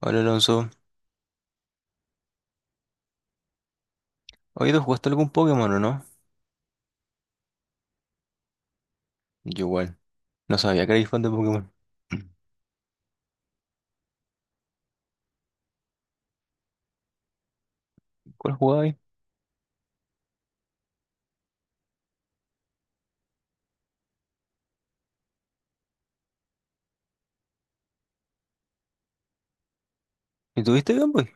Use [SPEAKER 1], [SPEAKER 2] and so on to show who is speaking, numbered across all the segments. [SPEAKER 1] Hola Alonso, ¿hoy tú jugaste algún Pokémon o no? Yo igual, no sabía que erais fan de Pokémon. ¿Cuál jugabais? ¿Y tuviste Game Boy?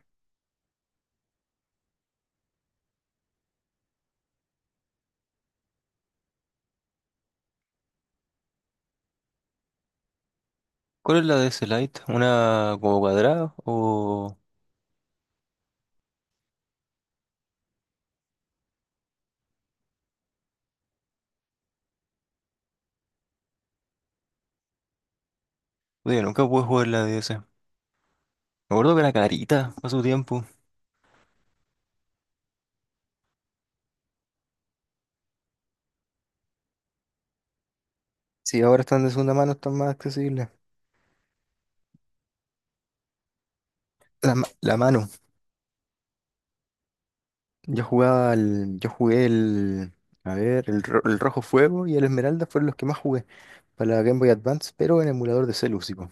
[SPEAKER 1] ¿Cuál es la DS Lite? ¿Una como cuadrada o? Oye, nunca pude jugar la DS. Me acuerdo que era carita a su tiempo. Sí, ahora están de segunda mano, están más accesibles. La mano. Yo jugué el. A ver, el Rojo Fuego y el Esmeralda fueron los que más jugué para la Game Boy Advance, pero en emulador de celu, sí, po.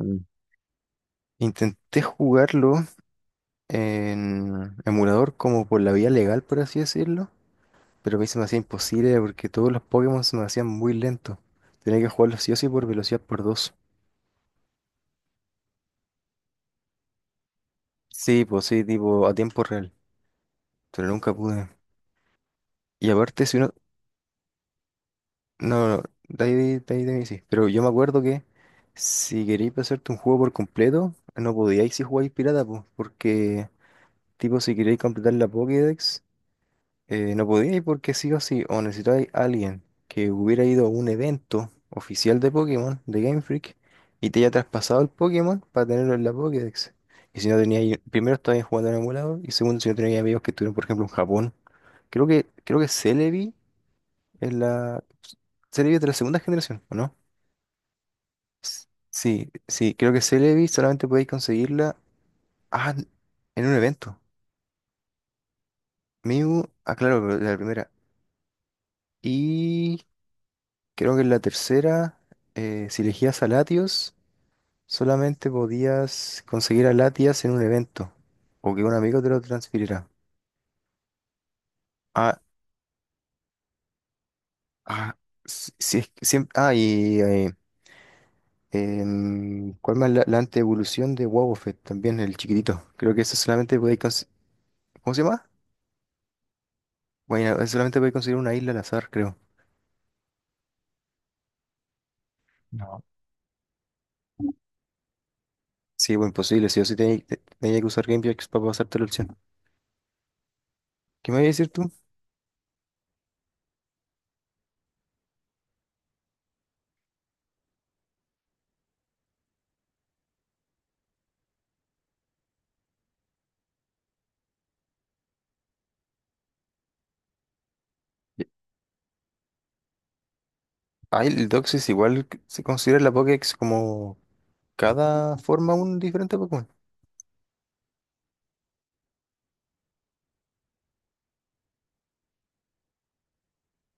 [SPEAKER 1] Mm. Intenté jugarlo en emulador como por la vía legal, por así decirlo, pero a mí se me hacía imposible porque todos los Pokémon se me hacían muy lentos. Tenía que jugarlos sí o sí por velocidad por dos. Sí, pues sí, tipo a tiempo real, pero nunca pude. Y aparte, si uno. No, no, de ahí, de ahí de mí sí, pero yo me acuerdo que si queréis pasarte un juego por completo, no podíais si jugáis pirata, pues, porque tipo si queréis completar la Pokédex. No podía ir porque sí o sí, o necesitáis a alguien que hubiera ido a un evento oficial de Pokémon, de Game Freak, y te haya traspasado el Pokémon para tenerlo en la Pokédex. Y si no teníais, primero estabais jugando en emulador, y segundo, si no teníais amigos que estuvieron, por ejemplo, en Japón. Creo que Celebi es la. Celebi es de la segunda generación, ¿o no? Sí, sí, creo que Celebi solamente podéis conseguirla ah, en un evento. Mew, ah, claro, pero de la primera. Creo que en la tercera, si elegías a Latios, solamente podías conseguir a Latias en un evento o que un amigo te lo transfiriera. Ah, ah, si es que siempre. ¿Cuál más? La antievolución de Wobbuffet, también el chiquitito. Creo que eso solamente podéis conseguir. ¿Cómo se llama? Bueno, eso solamente podéis conseguir una isla al azar, creo. No. Sí, bueno, imposible. Sí o sí tenías que usar GamePix para pasarte la opción. ¿Qué me vas a decir tú? Ah, el Doxis igual que se considera la Pokédex como cada forma un diferente Pokémon.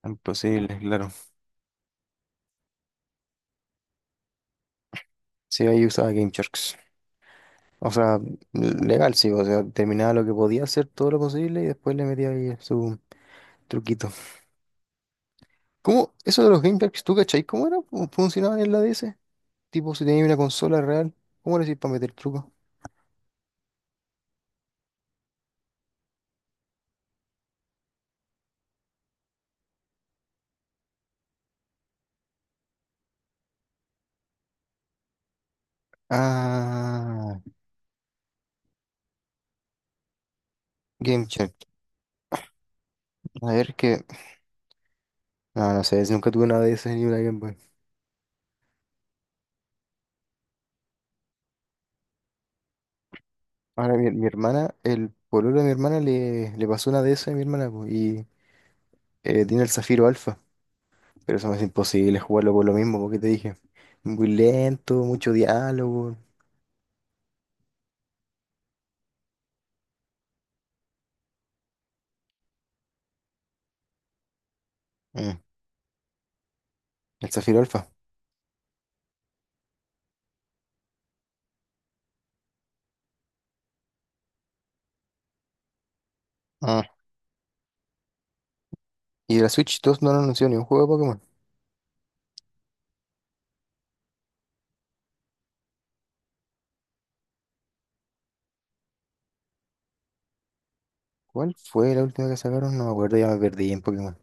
[SPEAKER 1] Imposible, claro. Sí, ahí usaba Game Sharks. O sea, legal, sí, o sea, terminaba lo que podía hacer, todo lo posible, y después le metía ahí su truquito. ¿Cómo? Eso de los Game Sharks, ¿tú cachai cómo era? ¿Cómo funcionaba en la DS? Tipo, si tenías una consola real, ¿cómo le hacías para meter truco? Ah, Game Shark. A ver que. No, no sé, si nunca tuve una DS ni una Game Boy. Ahora mi hermana, el pololo de mi hermana le pasó una DS a mi hermana, po, y tiene el Zafiro Alpha. Pero eso me hace imposible jugarlo por lo mismo, porque te dije. Muy lento, mucho diálogo. Mm. El Zafiro Alpha. Ah, y de la Switch 2 no han anunciado ni un juego de Pokémon. ¿Cuál fue la última que sacaron? No me acuerdo, ya me perdí en Pokémon.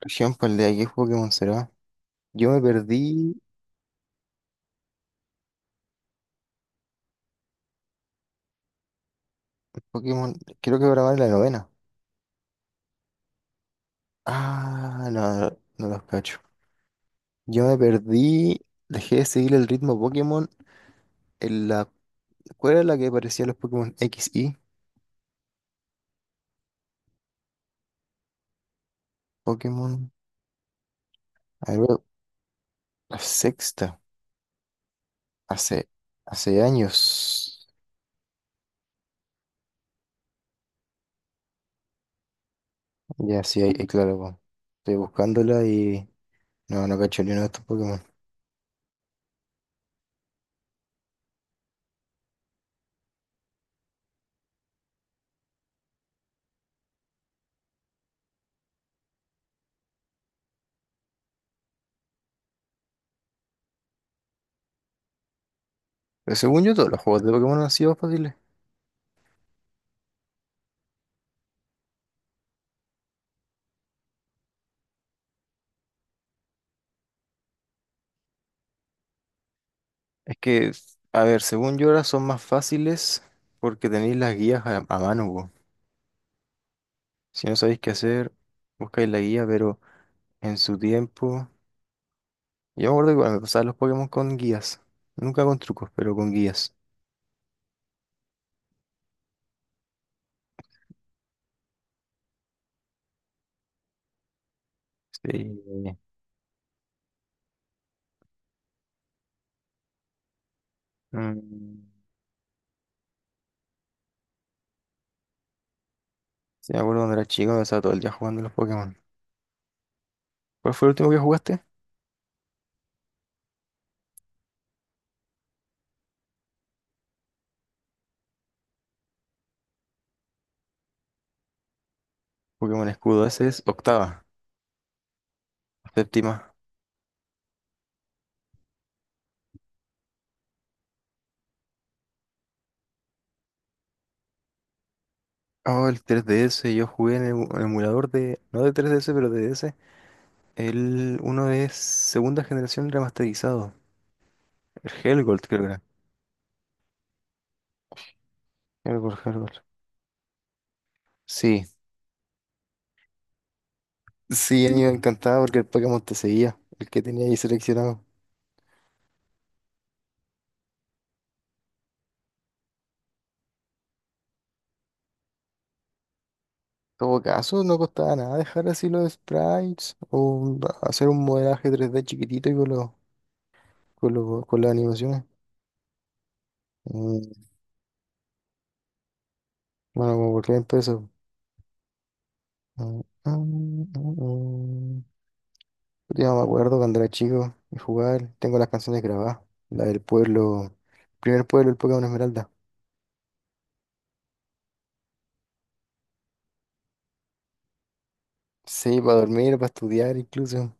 [SPEAKER 1] Por ejemplo, el de aquí, ¿qué Pokémon será? Yo me perdí en Pokémon, creo que ahora va en la novena. Ah, no, no, no los cacho. Yo me perdí, dejé de seguir el ritmo Pokémon en la. ¿Cuál era la que parecía los Pokémon X y? Pokémon. A ver, la sexta. Hace, hace años. Ya, sí, ahí, claro, po. Estoy buscándola y no, no cacho ni uno de estos Pokémon. Pero según yo, todos los juegos de Pokémon han sido fáciles. Es que, a ver, según yo ahora son más fáciles porque tenéis las guías a mano, po. Si no sabéis qué hacer, buscáis la guía, pero en su tiempo. Yo me acuerdo que cuando me pasaban los Pokémon con guías. Nunca con trucos, pero con guías. Sí. Mm, sí, me acuerdo cuando era chico, me pasaba todo el día jugando a los Pokémon. ¿Cuál fue el último que jugaste? Pokémon Escudo, ese es octava, séptima. Oh, el 3DS yo jugué en el emulador de, no de 3DS, pero de DS. El uno de segunda generación remasterizado. El Helgold, creo que era. Helgold, Helgold. Sí, sí, a mí me encantaba porque el Pokémon te seguía, el que tenía ahí seleccionado. En todo caso, no costaba nada dejar así los sprites o hacer un modelaje 3D chiquitito y con las animaciones. Mm, Bueno, como por qué pesos. Mm, mm, mm, mm. Yo me acuerdo cuando era chico y jugar, tengo las canciones grabadas, la del pueblo, primer pueblo, el Pokémon Esmeralda. Sí, para dormir, para estudiar incluso.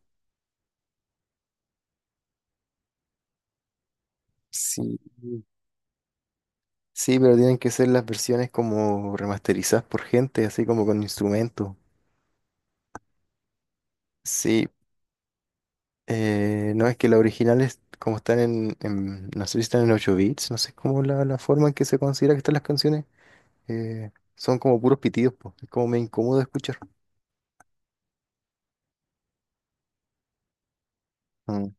[SPEAKER 1] Sí, sí, pero tienen que ser las versiones como remasterizadas por gente, así como con instrumentos. Sí, no es que las originales como están no sé si están en 8 bits, no sé cómo la forma en que se considera que están las canciones, eh, son como puros pitidos, po, es como me incómodo escuchar. Mm.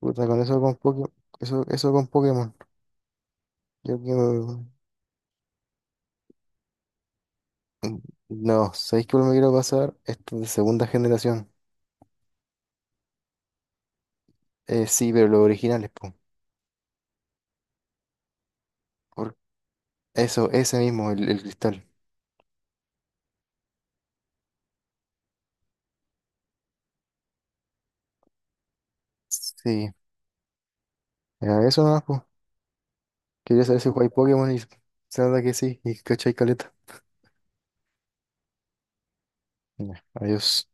[SPEAKER 1] Puta, con eso con Pokémon, eso con Pokémon. Yo quiero. No, ¿sabéis que me quiero pasar? Esto de segunda generación. Sí, pero los originales, po. Por eso, ese mismo, el cristal. Sí, ya, eso nomás, po. Quería saber si jugáis Pokémon y se nota que sí, y cachai caleta. Ya, adiós.